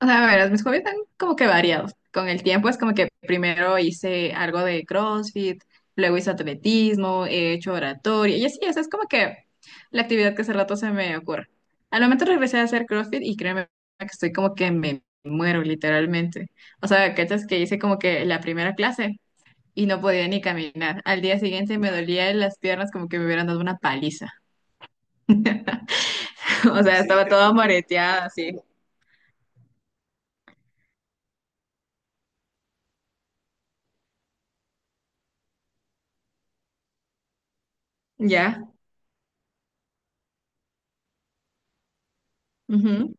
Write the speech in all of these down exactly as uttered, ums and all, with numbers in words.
O sea, a ver, mis hobbies están como que variados. Con el tiempo es como que primero hice algo de CrossFit, luego hice atletismo, he hecho oratoria, y así, esa es como que la actividad que hace rato se me ocurre. Al momento regresé a hacer CrossFit y créeme que estoy como que me muero literalmente. O sea, cachas que hice como que la primera clase y no podía ni caminar. Al día siguiente me dolía las piernas como que me hubieran dado una paliza. O sea, Sí, estaba creo, toda moreteada así. Ya. ujú.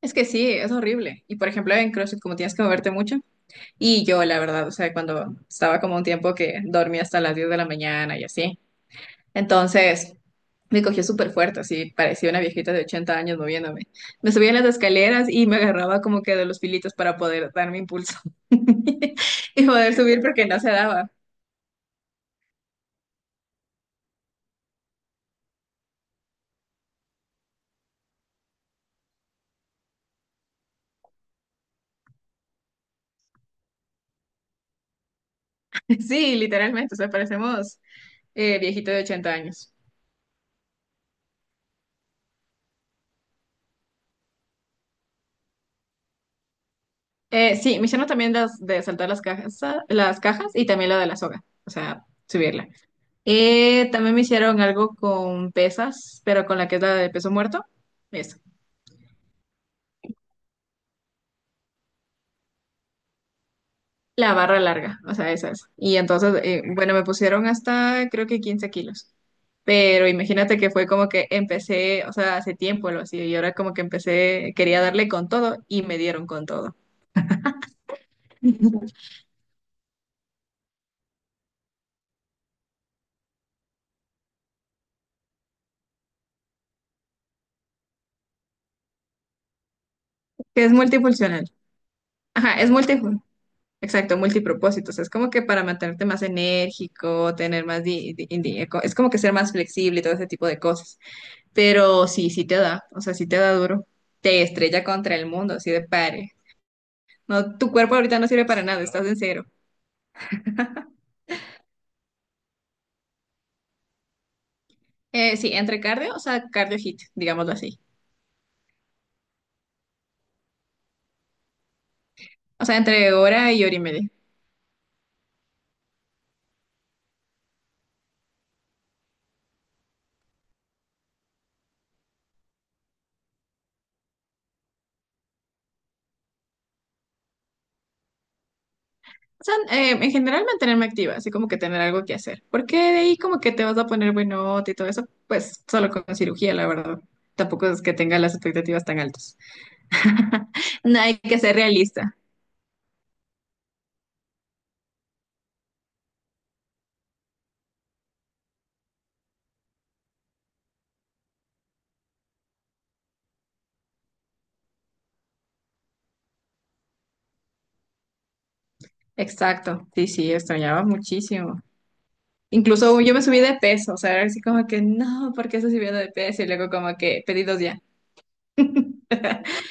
Es que sí, es horrible. Y por ejemplo, en CrossFit, como tienes que moverte mucho, y yo, la verdad, o sea, cuando estaba como un tiempo que dormía hasta las diez de la mañana y así, entonces me cogió súper fuerte, así, parecía una viejita de ochenta años moviéndome. Me subía en las escaleras y me agarraba como que de los filitos para poder darme impulso y poder subir porque no se daba. Sí, literalmente, o sea, parecemos eh, viejito de ochenta años. Eh, sí, me hicieron también las de saltar las cajas, las cajas y también la de la soga, o sea, subirla. Eh, también me hicieron algo con pesas, pero con la que es la de peso muerto. Eso. La barra larga, o sea, esa es. Y entonces, eh, bueno, me pusieron hasta creo que quince kilos. Pero imagínate que fue como que empecé, o sea, hace tiempo lo hacía y ahora como que empecé, quería darle con todo y me dieron con todo. Que es multifuncional. Ajá, es multi, exacto, multipropósitos. Es como que para mantenerte más enérgico, tener más, di- di- di- es como que ser más flexible y todo ese tipo de cosas. Pero sí, sí te da, o sea, sí te da duro. Te estrella contra el mundo, así de pare. No, tu cuerpo ahorita no sirve para nada, estás en cero. Eh, sí, entre cardio, o sea, cardio hit, digámoslo así. O sea, entre hora y hora y media. O sea, eh, en general mantenerme activa, así como que tener algo que hacer. Porque de ahí como que te vas a poner buenote y todo eso, pues solo con cirugía, la verdad. Tampoco es que tenga las expectativas tan altas. No hay que ser realista. Exacto. Sí, sí, extrañaba muchísimo. Incluso yo me subí de peso, o sea, era así como que, no, ¿por qué estoy subiendo de peso? Y luego como que, pedidos ya.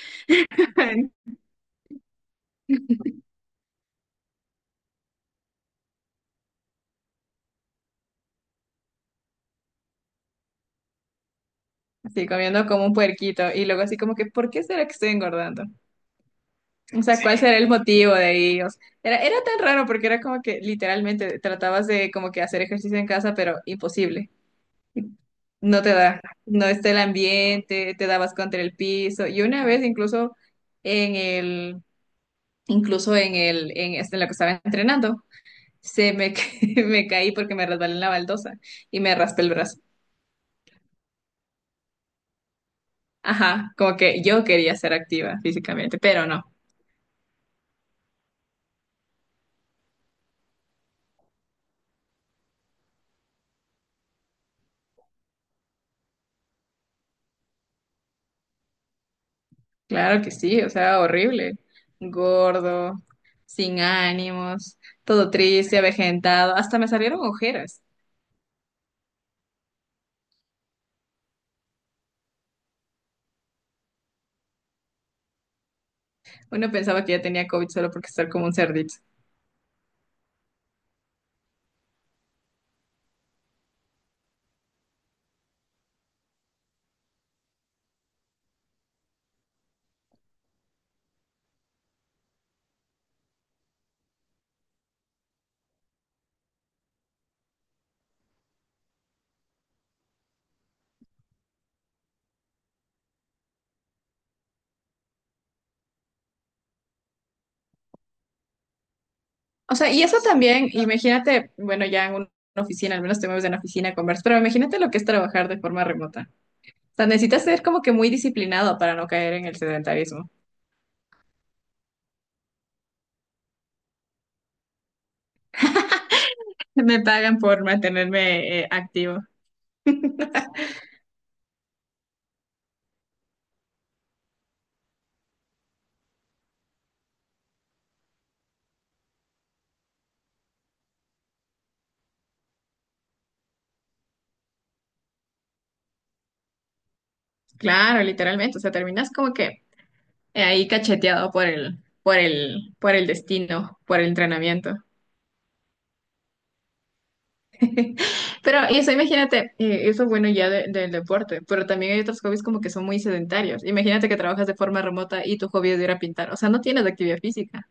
Así comiendo como un puerquito. Y luego así como que, ¿por qué será que estoy engordando? O sea, Sí. ¿cuál será el motivo de ellos? Era, era tan raro porque era como que literalmente tratabas de como que hacer ejercicio en casa, pero imposible. No te da, no está el ambiente, te dabas contra el piso. Y una vez incluso en el, incluso en el, en, este, en lo que estaba entrenando. se me, ca- me caí porque me resbalé en la baldosa y me raspé el brazo. Ajá, como que yo quería ser activa físicamente, pero no. Claro que sí, o sea, horrible. Gordo, sin ánimos, todo triste, avejentado, hasta me salieron ojeras. Uno pensaba que ya tenía COVID solo porque estar como un cerdito. O sea, y eso también, imagínate, bueno, ya en una oficina, al menos te mueves en una oficina, conversas, pero imagínate lo que es trabajar de forma remota. O sea, necesitas ser como que muy disciplinado para no caer en el sedentarismo. Me pagan por mantenerme eh, activo. Claro, literalmente. O sea, terminas como que eh, ahí cacheteado por el, por el, por el destino, por el entrenamiento. Pero eso, imagínate, eh, eso es bueno ya de- del deporte, pero también hay otros hobbies como que son muy sedentarios. Imagínate que trabajas de forma remota y tu hobby es ir a pintar. O sea, no tienes actividad física.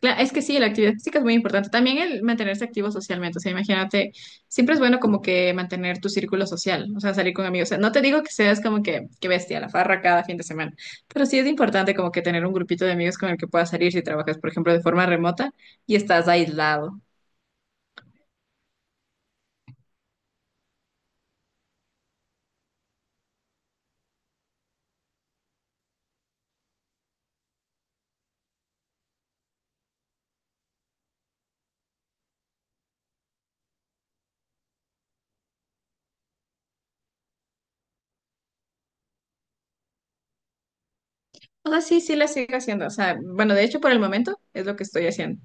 Cla- Es que sí, la actividad física es muy importante. También el mantenerse activo socialmente. O sea, imagínate, siempre es bueno como que mantener tu círculo social, o sea, salir con amigos. O sea, no te digo que seas como que, que bestia, la farra cada fin de semana, pero sí es importante como que tener un grupito de amigos con el que puedas salir si trabajas, por ejemplo, de forma remota y estás aislado. O sea, sí, sí la sigo haciendo. O sea, bueno, de hecho, por el momento es lo que estoy haciendo.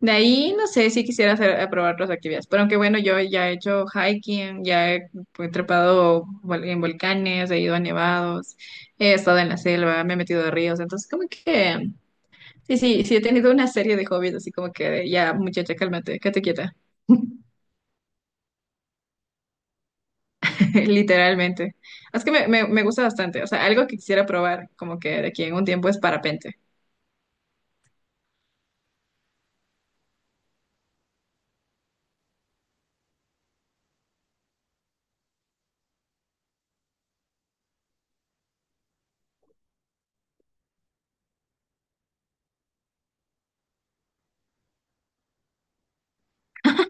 De ahí no sé si quisiera hacer, a probar otras actividades. Pero aunque bueno, yo ya he hecho hiking, ya he pues, trepado vol- en volcanes, he ido a nevados, he estado en la selva, me he metido a ríos. Entonces, como que sí, sí, sí he tenido una serie de hobbies, así como que de, ya, muchacha, cálmate, quédate quieta. Literalmente. Es que me, me, me gusta bastante. O sea, algo que quisiera probar, como que de aquí en un tiempo es parapente.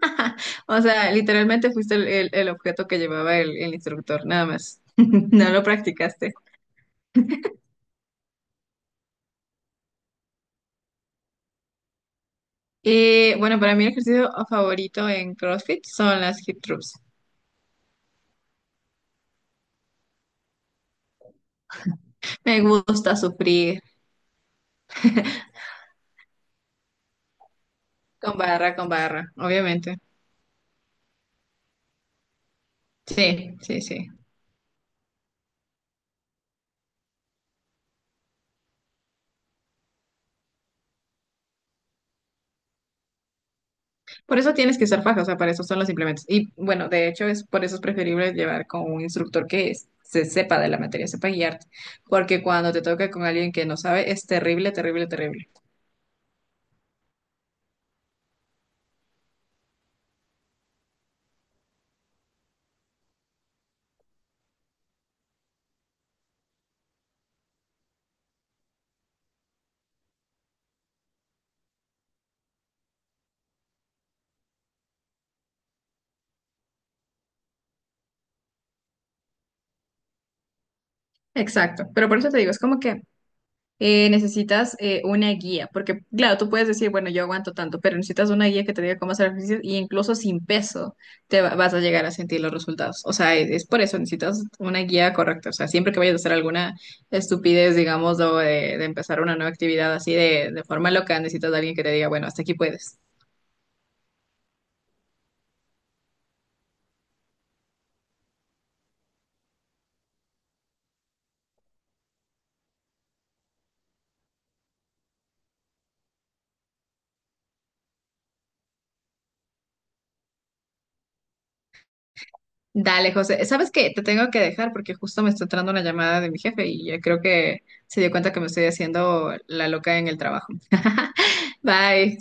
O sea, literalmente fuiste el, el- el objeto que llevaba el, el instructor, nada más. No lo practicaste. Y bueno, para mí el ejercicio favorito en CrossFit son las hip thrusts. Me gusta sufrir con barra, con barra, obviamente. Sí, sí, sí. Por eso tienes que usar faja, o sea, para eso son los implementos. Y bueno, de hecho, es por eso es preferible llevar con un instructor que es- se sepa de la materia, sepa guiarte. Porque cuando te toca con alguien que no sabe, es terrible, terrible, terrible. Exacto. Pero por eso te digo, es como que eh, necesitas eh, una guía, porque claro, tú puedes decir, bueno, yo aguanto tanto, pero necesitas una guía que te diga cómo hacer ejercicios y incluso sin peso te va- vas a llegar a sentir los resultados. O sea, es, es por eso, necesitas una guía correcta. O sea, siempre que vayas a hacer alguna estupidez, digamos, o de, de empezar una nueva actividad así de, de forma loca, necesitas de alguien que te diga, bueno, hasta aquí puedes. Dale, José. ¿Sabes qué? Te tengo que dejar porque justo me está entrando una llamada de mi jefe y ya creo que se dio cuenta que me estoy haciendo la loca en el trabajo. Bye.